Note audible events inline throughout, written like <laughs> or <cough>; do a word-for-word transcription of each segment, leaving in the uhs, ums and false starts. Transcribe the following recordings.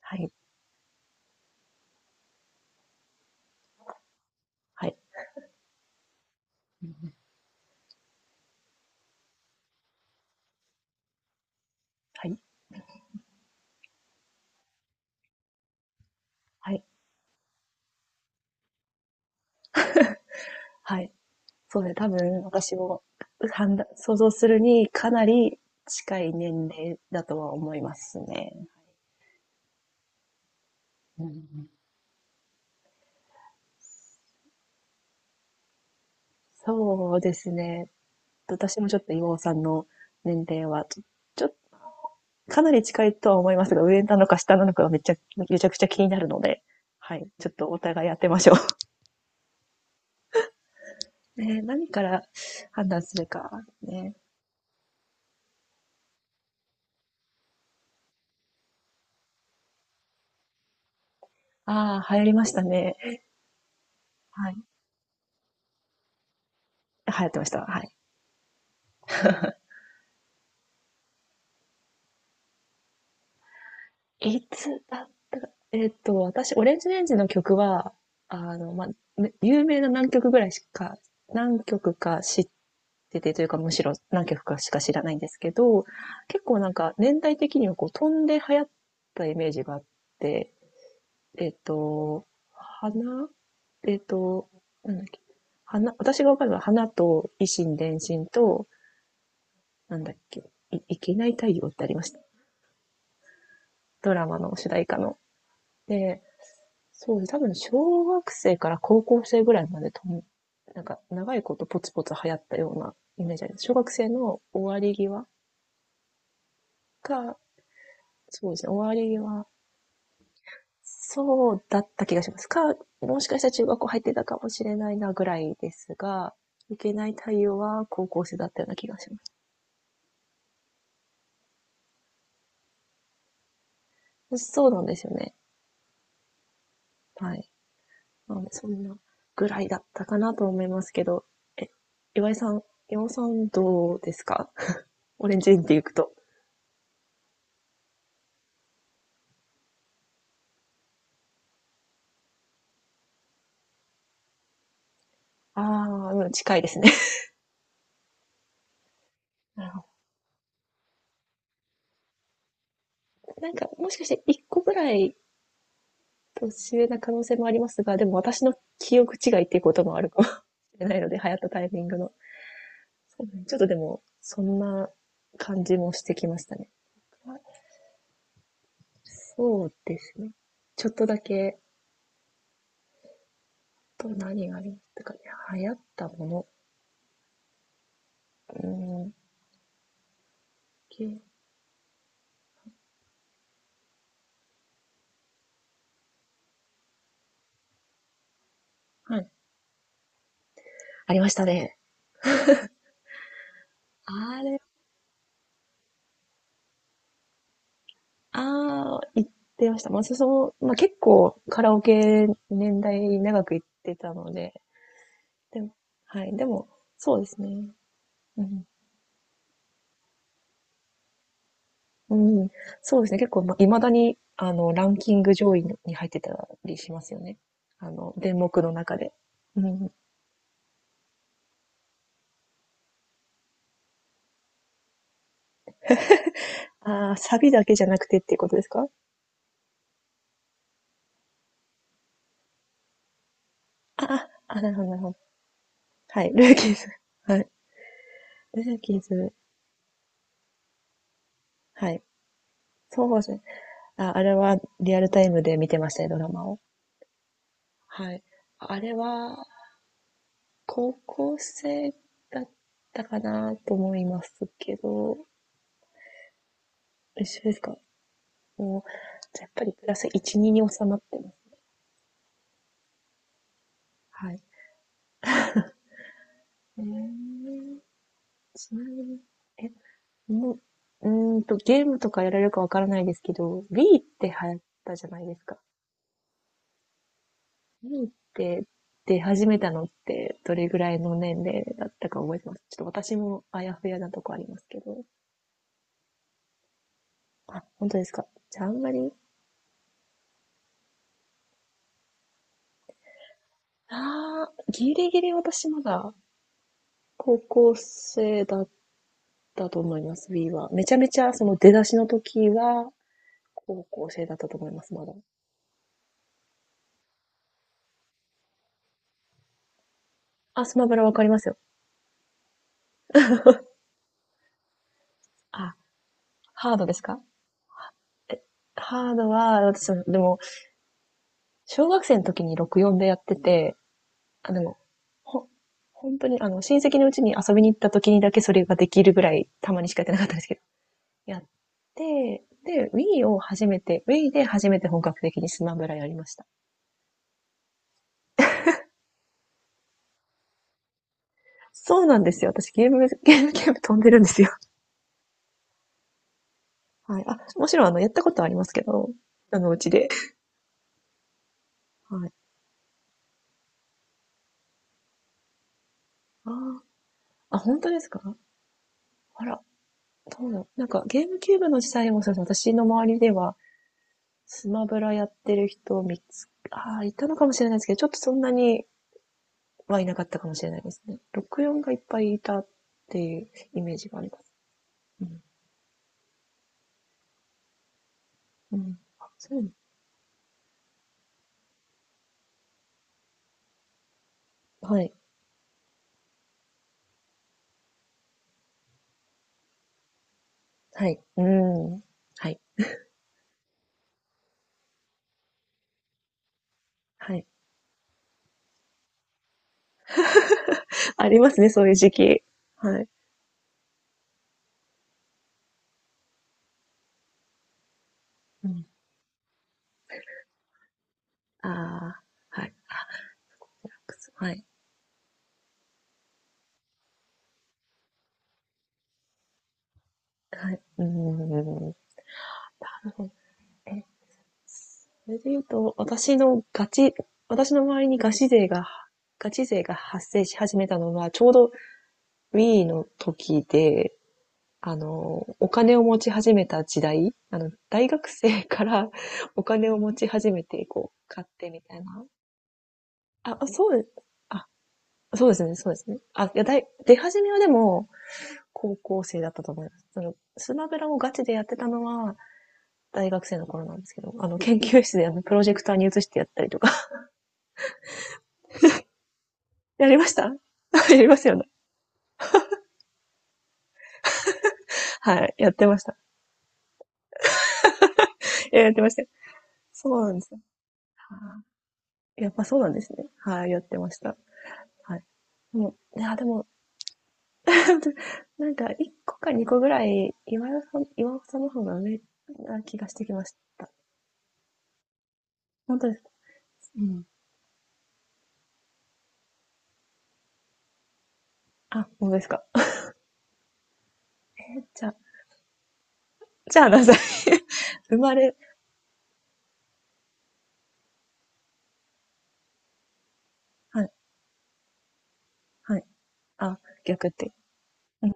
はい、はい。うん、はい、はい、はい。そうね、多分私も、判断想像するにかなり近い年齢だとは思いますね。うん。そうですね。私もちょっと岩尾さんの年齢は、ちょちょかなり近いとは思いますが、上なのか下なのかがめっちゃめちゃくちゃ気になるので、はい、ちょっとお互いやってましょう。<laughs> ね、何から判断するか、ね。ああ、流行りましたね。はい。流行ってました。はい。いつだったか、えっと、私、オレンジレンジの曲は、あの、まあ、ね有名な何曲ぐらいしか、何曲か知っててというか、むしろ何曲かしか知らないんですけど、結構なんか年代的にはこう飛んで流行ったイメージがあって、えっと、花えっと、なんだっけ、花、私がわかるのは花と維新伝心と、なんだっけ、い、いけない太陽ってありました。ドラマの主題歌の。で、そうです。多分小学生から高校生ぐらいまでとん、なんか長いことポツポツ流行ったようなイメージあります。小学生の終わり際か、そうですね、終わり際、そうだった気がします。か、もしかしたら中学校入ってたかもしれないなぐらいですが、いけない対応は高校生だったような気がします。そうなんですよね。はい。なので、そんなぐらいだったかなと思いますけど、え、岩井さん、岩尾さんどうですか？ <laughs> オレンジインっていくと。ああ、うん、近いですね。<laughs> なるほど。なんか、もしかしていっこぐらい年上な可能性もありますが、でも私の記憶違いっていうこともあるかもしれないので、流行ったタイミングの。そうね、ちょっとでも、そんな感じもしてきましたね。そうですね。ちょっとだけ、と何がありましたかね。流行ったもの。うーん、けはい。ありましたね。あれ、ああ、行ってました。まあ、そその、まあ、結構カラオケ年代長く行ってたので、でも、はい。でも、そうですね。うん。うん。そうですね。結構、ま、未だに、あの、ランキング上位に入ってたりしますよね。あの、電目の中で。うん。ああ、サビだけじゃなくてっていうことですか？ああ、あ、なるほど、なるほど。はい。ルーキーズ。<laughs> はい。ルーキーズ。はい。そうですね。あ、あれはリアルタイムで見てましたね、ドラマを。はい。あれは、高校生だったかなと思いますけど、一緒ですか？もう、じゃあやっぱりプラスいち、にに収まってます。はい。えー、ちなみに、え、もう、うーんと、ゲームとかやられるかわからないですけど、Wii って流行ったじゃないですか。Wii って出始めたのってどれぐらいの年齢だったか覚えてます？ちょっと私もあやふやなとこありますけど。あ、本当ですか。じゃああんまり、あー、ギリギリ私まだ高校生だったと思います、Wii は。めちゃめちゃその出だしの時は、高校生だったと思います、まだ。あ、スマブラわかりますよ。あ、ハードですか？え、ハードは、私も、でも、小学生の時にろくよんでやってて、あ、でも、ほ、本当に、あの、親戚のうちに遊びに行った時にだけそれができるぐらい、たまにしかやってなかったんですけど、やって、で、Wii を初めて、Wii で初めて本格的にスマブラやりました。そうなんですよ。私ゲーム、ゲーム、ゲーム飛んでるんですよ。はい。あ、もちろん、あの、やったことはありますけど、あの、うちで。はい。ああ、本当ですか？あら、どうだろう。なんか、ゲームキューブの時代もそうですね、私の周りでは、スマブラやってる人を見つ、ああ、いたのかもしれないですけど、ちょっとそんなにはいなかったかもしれないですね。ろくよんがいっぱいいたっていうイメージがあります。うん。うん。あ、そういうの。はい。はい。うん。はい。はい。<laughs> ありますね、そういう時期。はい。うん。ああ、はい。あ、くそはい。はい。うん。なるほど。それで言うと、私のガチ、私の周りにガチ勢が、ガチ勢が発生し始めたのは、ちょうど Wii の時で、あの、お金を持ち始めた時代、あの、大学生から <laughs> お金を持ち始めて、こう、買ってみたいな。あ、あそうです。あ、そうですね、そうですね。あ、いや、だい、出始めはでも、高校生だったと思います。その、スマブラをガチでやってたのは、大学生の頃なんですけど、あの、研究室であの、プロジェクターに移してやったりとかやりました。 <laughs> やりますよね。はい。やってました。いや、やってました。そうなんですよ。はあ、やっぱそうなんですね。はい。あ、やってました。はい。でも、いや、でも、<laughs> なんか、いっこかにこぐらい、岩尾さん、岩尾さんの方が上な気がしてきました。本当ですか？うん。あ、本当ですか。えーじゃあ、じゃあ何歳？ <laughs> 生まれ、はい、はい。あ、逆って。うん。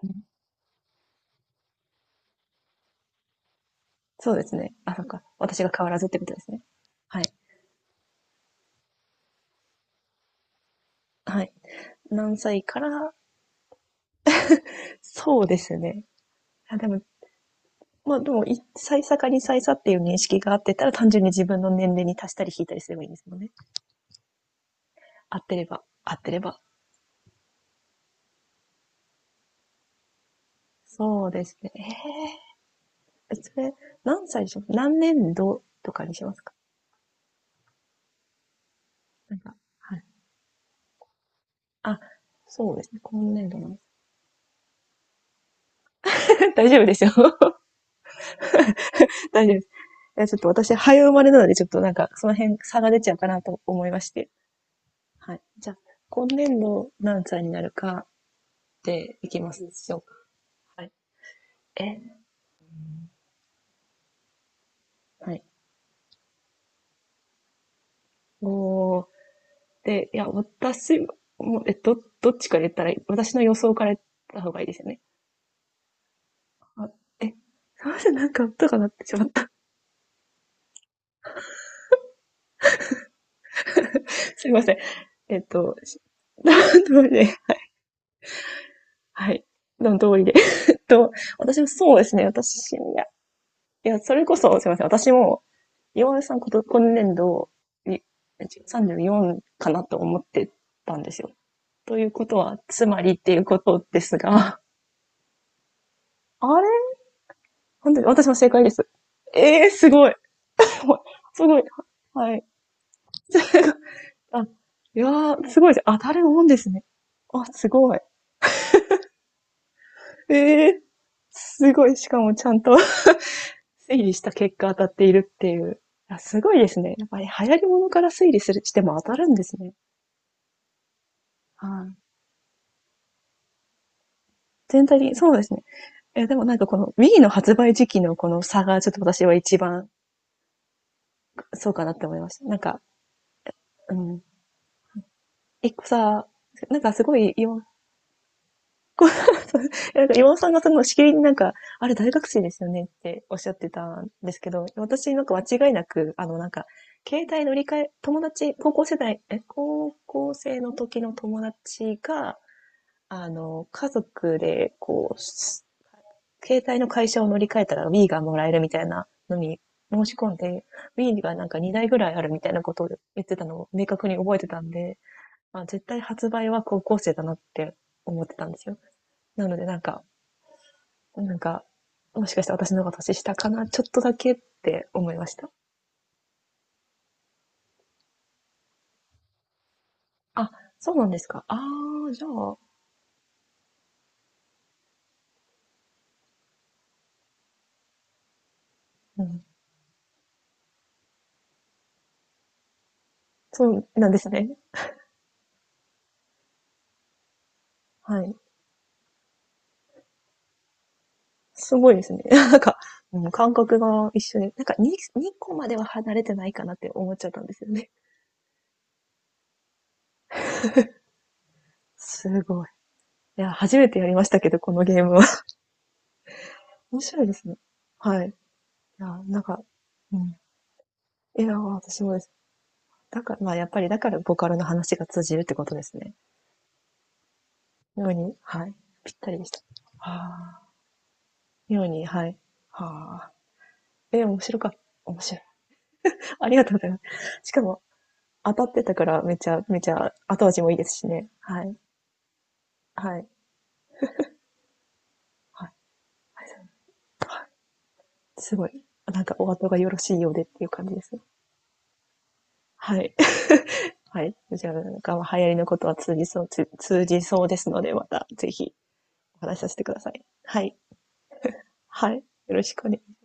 そうですね。あ、そっか。私が変わらずってことですね。はい。はい。何歳から、そうですね。あ、でも、まあでも、い歳差かに歳差っていう認識があってたら、単純に自分の年齢に足したり引いたりすればいいんですもんね。合ってれば、合ってれば。そうですね。ええーそれ、何歳でしょう？何年度とかにしますか？なんか、はい。あ、そうですね。今年度なんです。<laughs> 大丈夫ですよ。<laughs> 大丈夫です。いや、ちょっと私、早生まれなので、ちょっとなんか、その辺差が出ちゃうかなと思いまして。はい。じゃあ、今年度何歳になるかでいきますでしょうか。はい。えはい。おー。で、いや、私も、え、ど、どっちから言ったらいい？私の予想から言った方がいいですよね。あ、え、すいません、なんか音が鳴ってしまった。<laughs> すいません。えっと、しどり <laughs> で、はい。の通りで。<laughs> えっと、私もそうですね、私、いや、いや、それこそ、すいません、私も、岩尾さんこと今年度、いさんじゅうよんかなと思ってたんですよ。ということは、つまりっていうことですが、<laughs> あれ？本当に、私も正解です。ええ、すごい。すごい。はい。<laughs> あ、いやー、すごいです。当たるもんですね。あ、すごい。ええ、すごい。しかもちゃんと <laughs> 推理した結果当たっているっていう。すごいですね。やっぱり流行り物から推理する、しても当たるんですね。はい。全体的に、そうですね。え、でもなんかこの Wii の発売時期のこの差がちょっと私は一番そうかなって思いました。なんか、うん。一個さ、なんかすごい今なんか岩尾さんがそのしきりになんか、あれ大学生ですよねっておっしゃってたんですけど、私なんか間違いなく、あのなんか、携帯乗り換え、友達、高校世代、え、高校生の時の友達が、あの、家族で、こう、携帯の会社を乗り換えたら Wii がもらえるみたいなのに申し込んで、Wii がなんかにだいぐらいあるみたいなことを言ってたのを明確に覚えてたんで、まあ絶対発売は高校生だなって思ってたんですよ。なのでなんか、なんか、もしかして私の方が年下かな？ちょっとだけって思いました。あ、そうなんですか。ああ、じゃあ、うん。そうなんですね。はい。すごいですね。<laughs> なんか、うん、感覚が一緒に、なんか に, 個までは離れてないかなって思っちゃったんですよね。すごい。いや、初めてやりましたけど、このゲームは。<laughs> 面白いですね。はい。いや、なんか、うん。いや、私もです。だから、まあ、やっぱり、だから、ボカロの話が通じるってことですね。ように、はい。ぴったりでした。ああ。ように、はい。はあ。え、面白かった。面白い。<laughs> ありがとうございます。しかも、当たってたから、めちゃめちゃ後味もいいですしね。はい。はい。はい。はい。すごい。なんか、お後がよろしいようでっていう感じですね。はい。<laughs> はい。じゃあ、なんか、流行りのことは通じそう、つ通じそうですので、また、ぜひ、お話しさせてください。はい。はい。よろしくお願いします